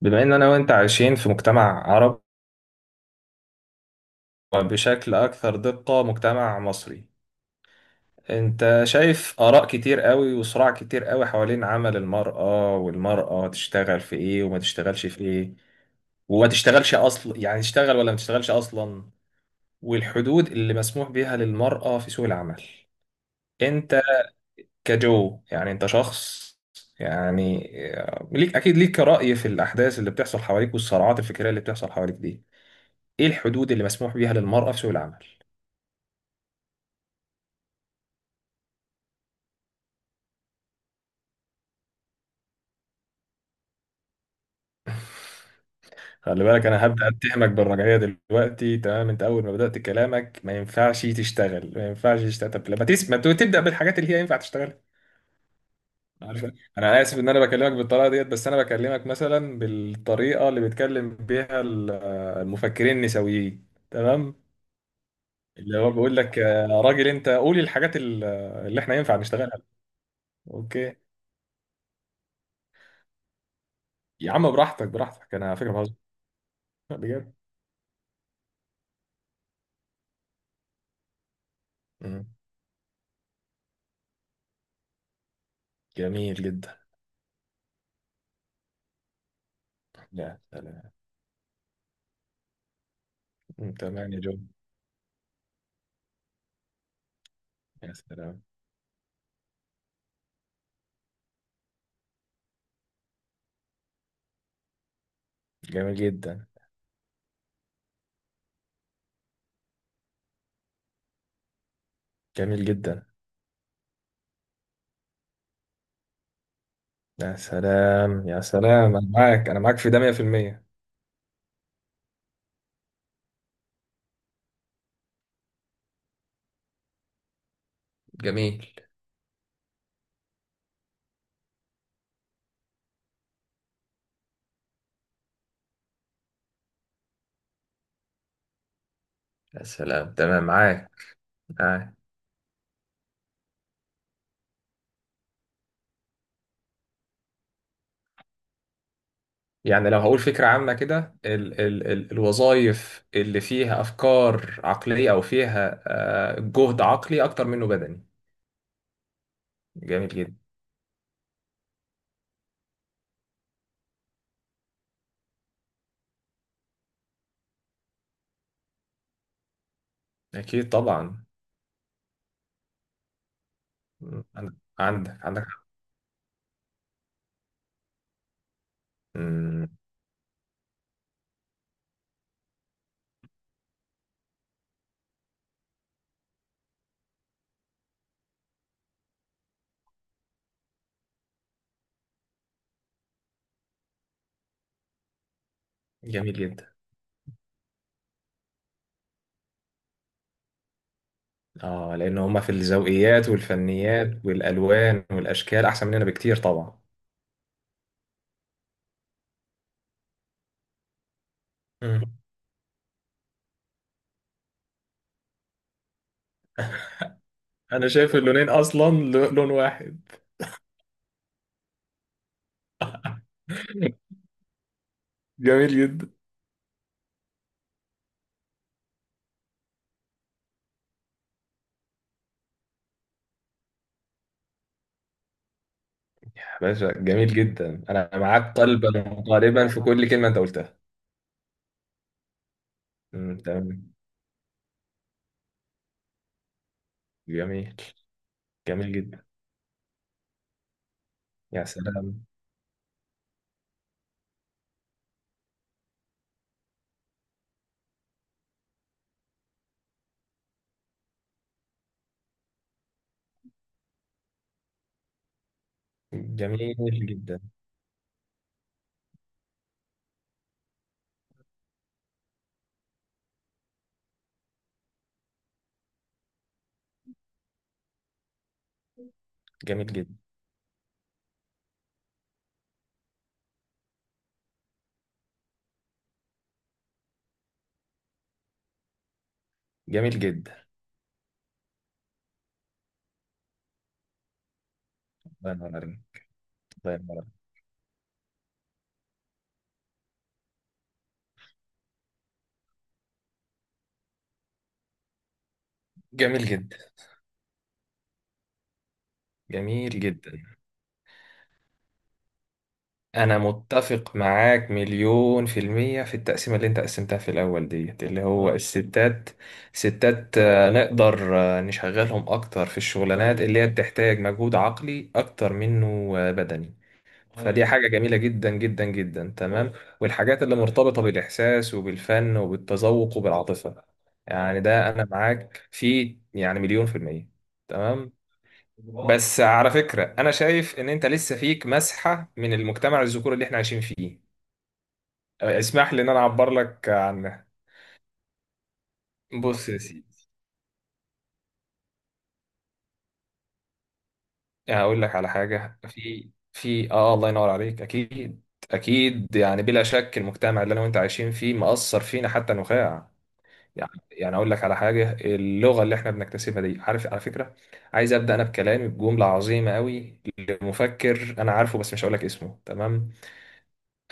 بما ان انا وانت عايشين في مجتمع عربي بشكل اكثر دقة مجتمع مصري. انت شايف اراء كتير قوي وصراع كتير قوي حوالين عمل المرأة، والمرأة تشتغل في ايه وما تشتغلش في ايه وما تشتغلش اصلا، يعني تشتغل ولا ما تشتغلش اصلا، والحدود اللي مسموح بيها للمرأة في سوق العمل. انت كجو، يعني انت شخص يعني آه، ليك اكيد ليك رأي في الاحداث اللي بتحصل حواليك والصراعات الفكرية اللي بتحصل حواليك دي. ايه الحدود اللي مسموح بيها للمرأة في سوق العمل؟ خلي بالك انا هبدا اتهمك بالرجعيه دلوقتي. تمام، انت اول ما بدات كلامك ما ينفعش تشتغل ما ينفعش تشتغل. طب لما تسمع، تبدا بالحاجات اللي هي ينفع تشتغلها. عارف، انا اسف ان انا بكلمك بالطريقه ديت، بس انا بكلمك مثلا بالطريقه اللي بيتكلم بيها المفكرين النسويين، تمام؟ اللي هو بيقول لك يا راجل انت قولي الحاجات اللي احنا ينفع نشتغلها. اوكي، يا عم براحتك براحتك، انا على فكره بهزر بجد. مم. جميل جدا. لا سلام. مم، تمام يا جو. يا سلام. جميل جدا. جميل جدا. يا سلام يا سلام، انا معاك انا معاك في ده 100%. جميل. يا سلام. تمام معاك معاك. يعني لو هقول فكرة عامة كده، ال ال ال الوظائف اللي فيها افكار عقلية او فيها جهد عقلي اكتر منه بدني. جميل جدا. اكيد طبعا. عندك حق. مم، جميل جدا. اه لان هما في الذوقيات والفنيات والالوان والاشكال احسن مننا بكتير طبعا. مم. انا شايف اللونين اصلا لون واحد. جميل جدا. يا باشا جميل جدا، انا معاك قلبا وقالبا في كل كلمه انت قلتها. تمام. جميل. جميل جدا. يا سلام. جميل جدا. جميل جدا. جميل جدا. الله ينور عليك. الله ينور عليك. جميل جدا. جميل جدا. أنا متفق معاك مليون في المية في التقسيمة اللي أنت قسمتها في الأول ديت، اللي هو اه الستات ستات، نقدر نشغلهم أكتر في الشغلانات، ايوه، اللي هي بتحتاج مجهود عقلي أكتر منه بدني. فدي ايوه حاجة جميلة جدا جدا جدا، تمام اه. والحاجات اللي مرتبطة بالإحساس وبالفن وبالتذوق وبالعاطفة، يعني اه ده أنا معاك فيه يعني مليون في المية. تمام. بس على فكرة أنا شايف إن أنت لسه فيك مسحة من المجتمع الذكوري اللي إحنا عايشين فيه. اسمح لي إن أنا أعبر لك عنها. بص يا سيدي، هقول لك على حاجة في في آه الله ينور عليك. أكيد، أكيد يعني بلا شك المجتمع اللي أنا وأنت عايشين فيه مأثر فينا حتى نخاع. يعني يعني أقول لك على حاجة، اللغة اللي إحنا بنكتسبها دي، عارف على فكرة، عايز أبدأ أنا بكلامي بجملة عظيمة قوي لمفكر أنا عارفه بس مش هقول لك اسمه، تمام؟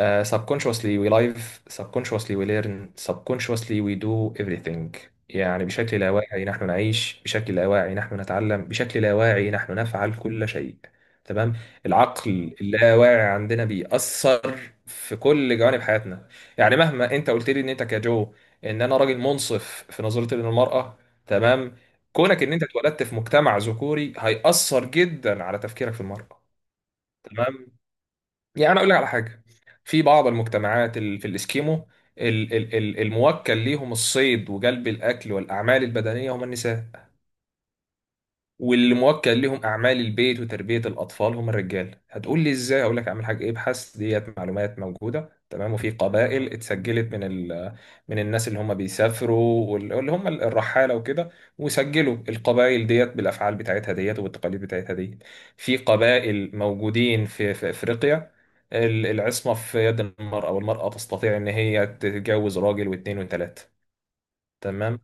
Subconsciously we live, subconsciously we learn, subconsciously we do everything. يعني بشكل لا واعي نحن نعيش، بشكل لا واعي نحن نتعلم، بشكل لا واعي نحن نفعل كل شيء. تمام؟ العقل اللاواعي عندنا بيأثر في كل جوانب حياتنا. يعني مهما انت قلت لي ان انت كجو ان انا راجل منصف في نظرتي للمرأة، تمام؟ كونك ان انت اتولدت في مجتمع ذكوري هيأثر جدا على تفكيرك في المرأة. تمام؟ يعني انا اقول لك على حاجه، في بعض المجتمعات في الاسكيمو، الموكل ليهم الصيد وجلب الاكل والاعمال البدنيه هم النساء، واللي موكل لهم اعمال البيت وتربيه الاطفال هم الرجال. هتقول لي ازاي؟ اقول لك اعمل حاجه ايه، ابحث ديت معلومات موجوده، تمام. وفي قبائل اتسجلت من من الناس اللي هم بيسافروا واللي هم الرحاله وكده، وسجلوا القبائل ديت بالافعال بتاعتها ديت والتقاليد بتاعتها ديت. في قبائل موجودين في في افريقيا العصمه في يد المراه، والمراه تستطيع ان هي تتجوز راجل واثنين وثلاثه، تمام.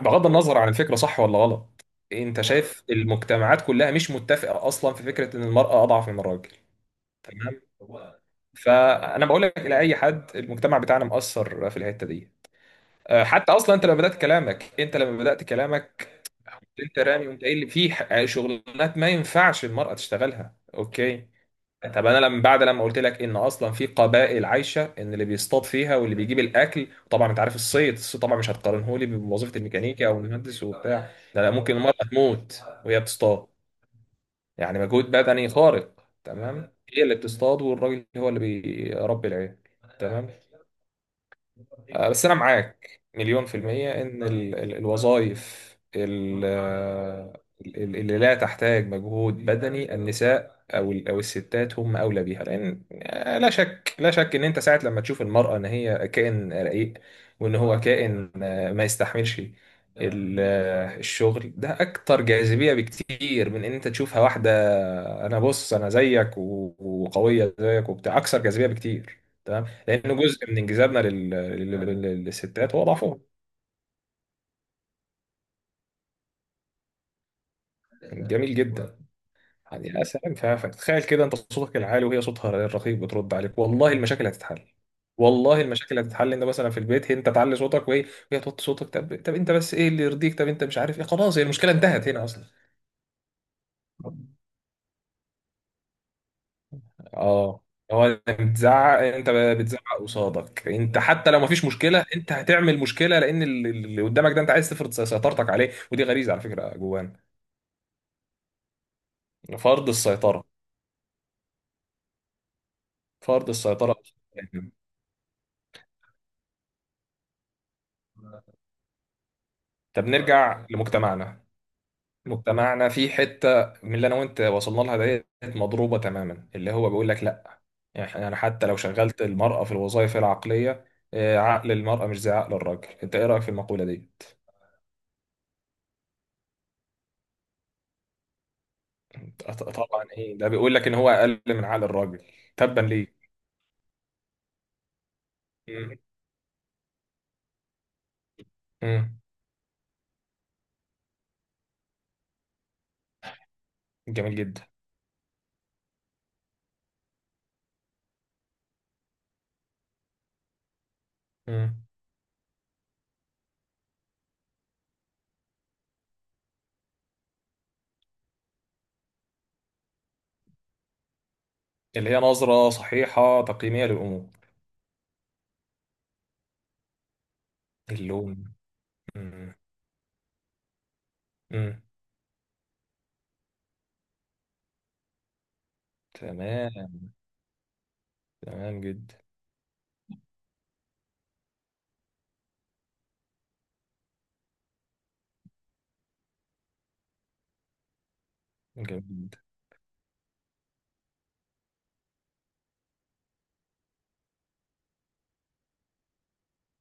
بغض النظر عن الفكرة صح ولا غلط، انت شايف المجتمعات كلها مش متفقة اصلا في فكرة ان المرأة اضعف من الراجل، تمام. فانا بقول لك الى اي حد المجتمع بتاعنا مؤثر في الحتة دي. حتى اصلا انت لما بدأت كلامك انت لما بدأت كلامك انت رامي وانت قايل لي في شغلانات ما ينفعش المرأة تشتغلها، اوكي. طب انا لما بعد، لما قلت لك ان اصلا في قبائل عايشه ان اللي بيصطاد فيها واللي بيجيب الاكل، طبعا انت عارف الصيد، الصيد طبعا مش هتقارنه لي بوظيفه الميكانيكا او المهندس وبتاع ده، لا ممكن المراه تموت وهي بتصطاد، يعني مجهود بدني خارق. تمام، هي اللي بتصطاد والراجل هو اللي بيربي العيال، تمام. بس انا معاك مليون في المية ان الوظائف اللي لا تحتاج مجهود بدني النساء او الستات هم اولى بيها، لان لا شك لا شك ان انت ساعة لما تشوف المرأة ان هي كائن رقيق وان هو كائن ما يستحملش، الشغل ده اكتر جاذبية بكتير من ان انت تشوفها واحدة انا بص انا زيك وقوية زيك وبتاع، اكثر جاذبية بكتير، تمام. لانه جزء من انجذابنا للستات هو ضعفهم. جميل جدا. يعني يا سلام، فتخيل كده انت صوتك العالي وهي صوتها الرقيق بترد عليك، والله المشاكل هتتحل، والله المشاكل هتتحل. انت مثلا في البيت هي انت تعلي صوتك وهي، وهي توطي صوتك. طب طب انت بس ايه اللي يرضيك؟ طب انت مش عارف ايه، خلاص هي المشكله انتهت هنا اصلا. اه، هو انت بتزعق، انت بتزعق قصادك. انت حتى لو مفيش مشكله انت هتعمل مشكله، لان اللي قدامك ده انت عايز تفرض سيطرتك عليه، ودي غريزه على فكره جوانا، فرض السيطره، فرض السيطرة. طب نرجع لمجتمعنا. مجتمعنا في حتة من اللي أنا وأنت وصلنا لها ديت مضروبة تماما، اللي هو بيقول لك لأ. يعني أنا حتى لو شغلت المرأة في الوظائف العقلية، عقل المرأة مش زي عقل الراجل. أنت إيه رأيك في المقولة دي؟ طبعا إيه، ده بيقول لك إن هو أقل من عقل الراجل؟ تبا ليه؟ مم. مم. جميل جدا. مم. اللي هي نظرة صحيحة تقييمية للأمور. اللون. مم. مم. تمام، تمام جدا. جامد.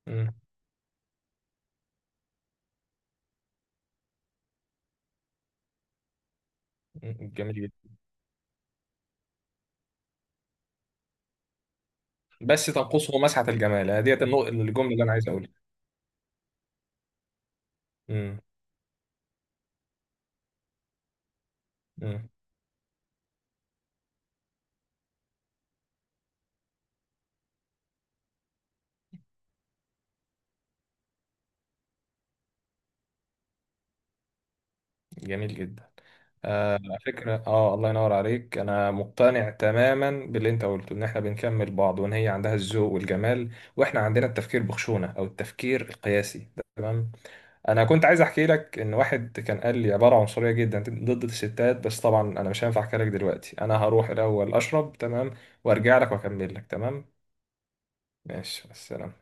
مم. مم. جميل جدا. بس تنقصه مسحة الجمال، هي ديت النقطة الجملة اللي أنا عايز أقولها. مم. مم. جميل جدا. آه على فكرة آه الله ينور عليك، أنا مقتنع تماما باللي أنت قلته إن إحنا بنكمل بعض وإن هي عندها الذوق والجمال وإحنا عندنا التفكير بخشونة أو التفكير القياسي، تمام. أنا كنت عايز أحكي لك إن واحد كان قال لي عبارة عنصرية جدا ضد الستات، بس طبعا أنا مش هينفع أحكي لك دلوقتي، أنا هروح الأول أشرب تمام، وأرجع لك وأكمل لك، تمام. ماشي السلام.